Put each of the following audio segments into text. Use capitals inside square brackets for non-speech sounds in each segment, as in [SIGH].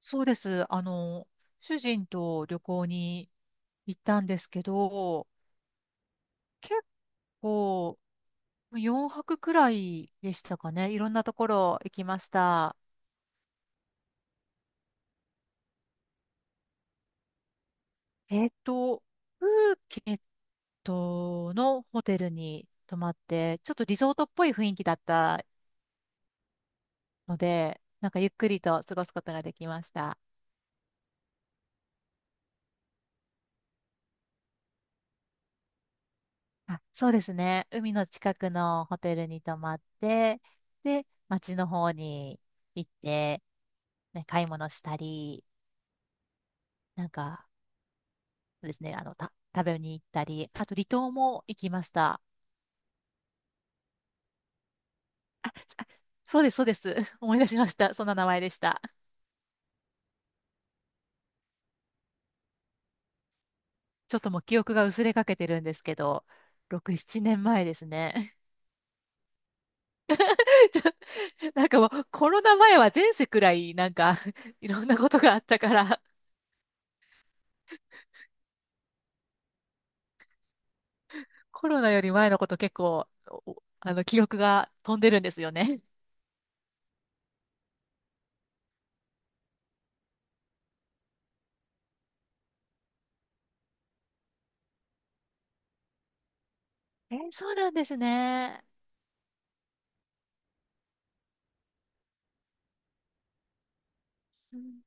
そうです。主人と旅行に行ったんですけど、結構4泊くらいでしたかね。いろんなところ行きました。えっと、プーケットのホテルに泊まって、ちょっとリゾートっぽい雰囲気だったので、なんかゆっくりと過ごすことができました。あ、そうですね。海の近くのホテルに泊まって、で、街の方に行って、ね、買い物したり、なんか、そうですね、食べに行ったり、あと離島も行きました。あ、そうです、そうです。[LAUGHS] 思い出しました。そんな名前でした。ちょっともう記憶が薄れかけてるんですけど、6、7年前ですね。[LAUGHS] なんかもうコロナ前は前世くらいなんか [LAUGHS] いろんなことがあったから、コロナより前のこと結構、おあの、記憶が飛んでるんですよね。そうなんですね。うん、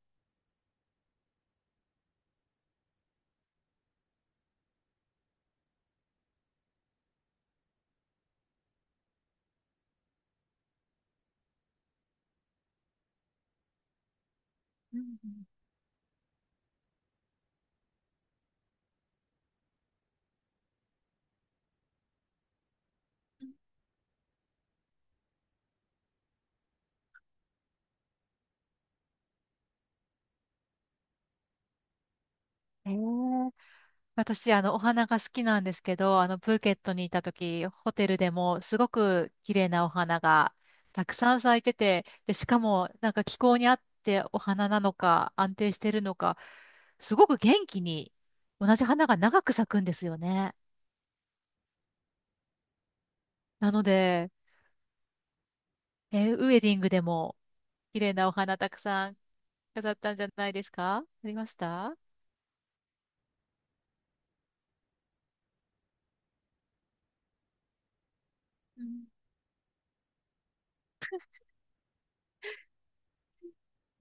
うん、うん。えー私、お花が好きなんですけど、プーケットにいた時、ホテルでもすごく綺麗なお花がたくさん咲いてて、で、しかも、なんか気候に合ってお花なのか、安定してるのか、すごく元気に同じ花が長く咲くんですよね。なので、ウエディングでも綺麗なお花たくさん飾ったんじゃないですか？ありました？うん、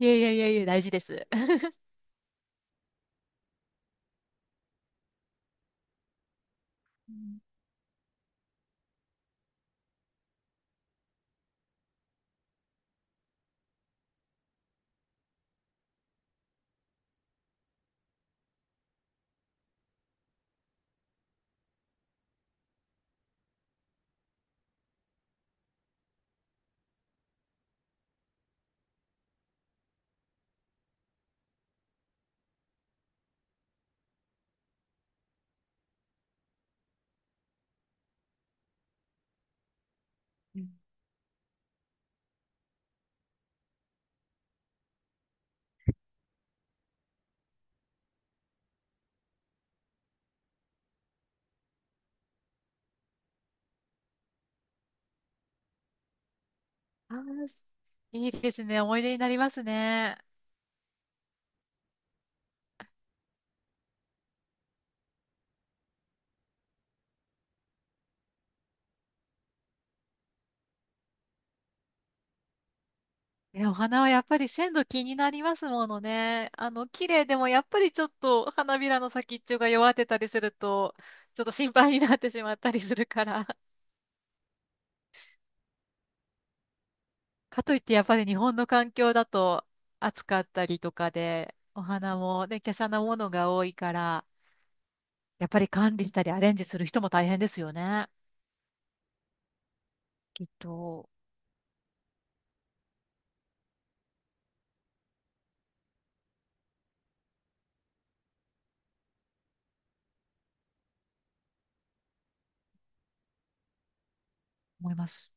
いやいやいやいや、大事です。うん、あー、すいいですね。思い出になりますね。いやお花はやっぱり鮮度気になりますものね。綺麗でもやっぱりちょっと花びらの先っちょが弱ってたりすると、ちょっと心配になってしまったりするから。かといってやっぱり日本の環境だと暑かったりとかで、お花もね、華奢なものが多いから、やっぱり管理したりアレンジする人も大変ですよね。思います。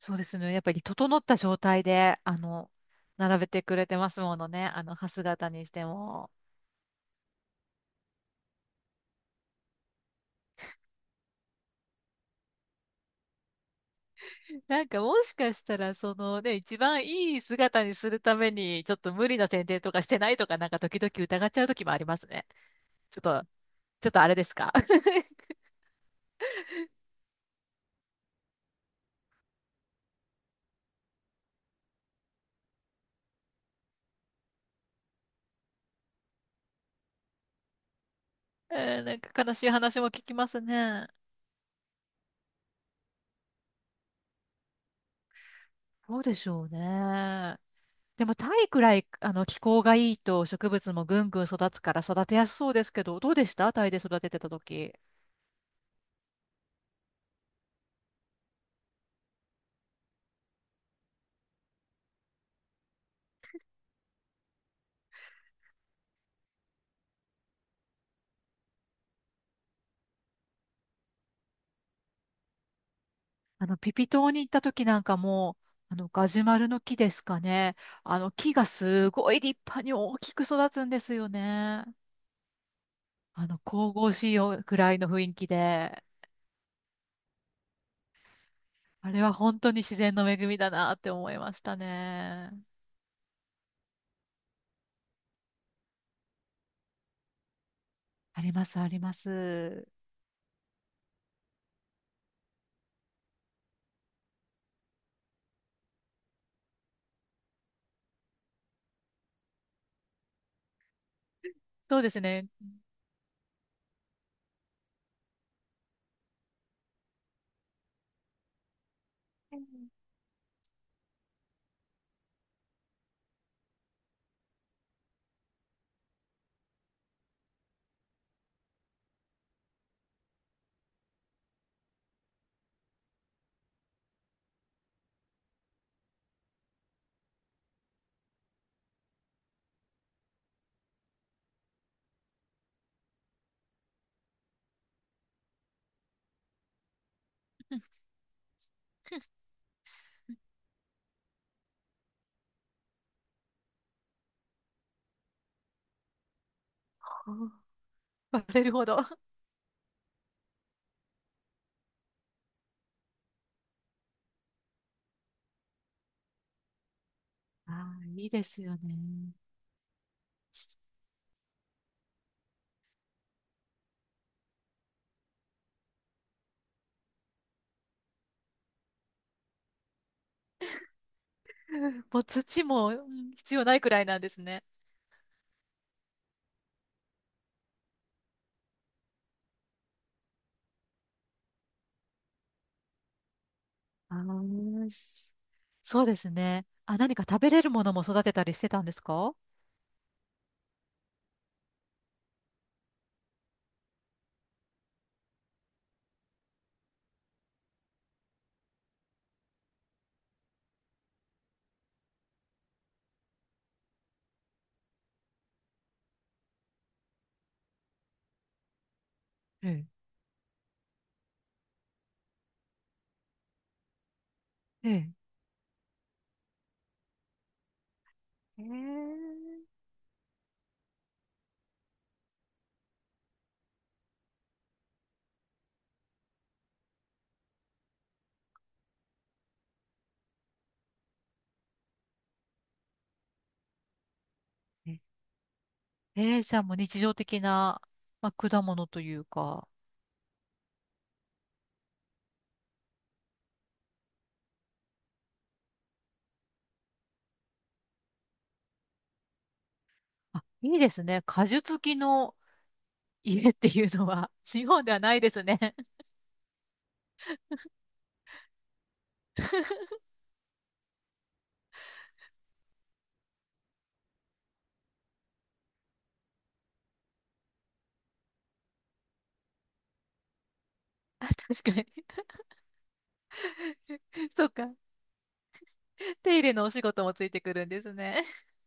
そうですね。やっぱり整った状態で、並べてくれてますものね。歯姿にしても。[LAUGHS] なんかもしかしたら、そのね、一番いい姿にするために、ちょっと無理な剪定とかしてないとか、なんか時々疑っちゃう時もありますね。ちょっと、ちょっとあれですか？[LAUGHS] なんか悲しい話も聞きますね。そうでしょうね。でも、タイくらい、気候がいいと植物もぐんぐん育つから育てやすそうですけど、どうでした、タイで育ててた時？ピピ島に行った時なんかも、ガジュマルの木ですかね。木がすごい立派に大きく育つんですよね。神々しいよくらいの雰囲気で、あれは本当に自然の恵みだなって思いましたね。あります、あります。そうですね。うん、バレるほど。[LAUGHS] ああ、いいですよね。もう土も、うん、必要ないくらいなんですね。あーすそうですね。あ、何か食べれるものも育てたりしてたんですか？ええ。ええ。ええ、ええー、じゃあもう日常的な、まあ、果物というか。あ、いいですね。果樹付きの家っていうのは、[LAUGHS] 日本ではないですね。[LAUGHS] あ、確かに。[LAUGHS] そっか。手入れのお仕事もついてくるんですね。[LAUGHS]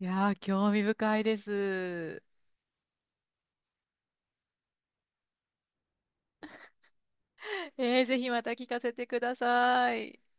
いやー、興味深いです。[LAUGHS] ぜひまた聞かせてください。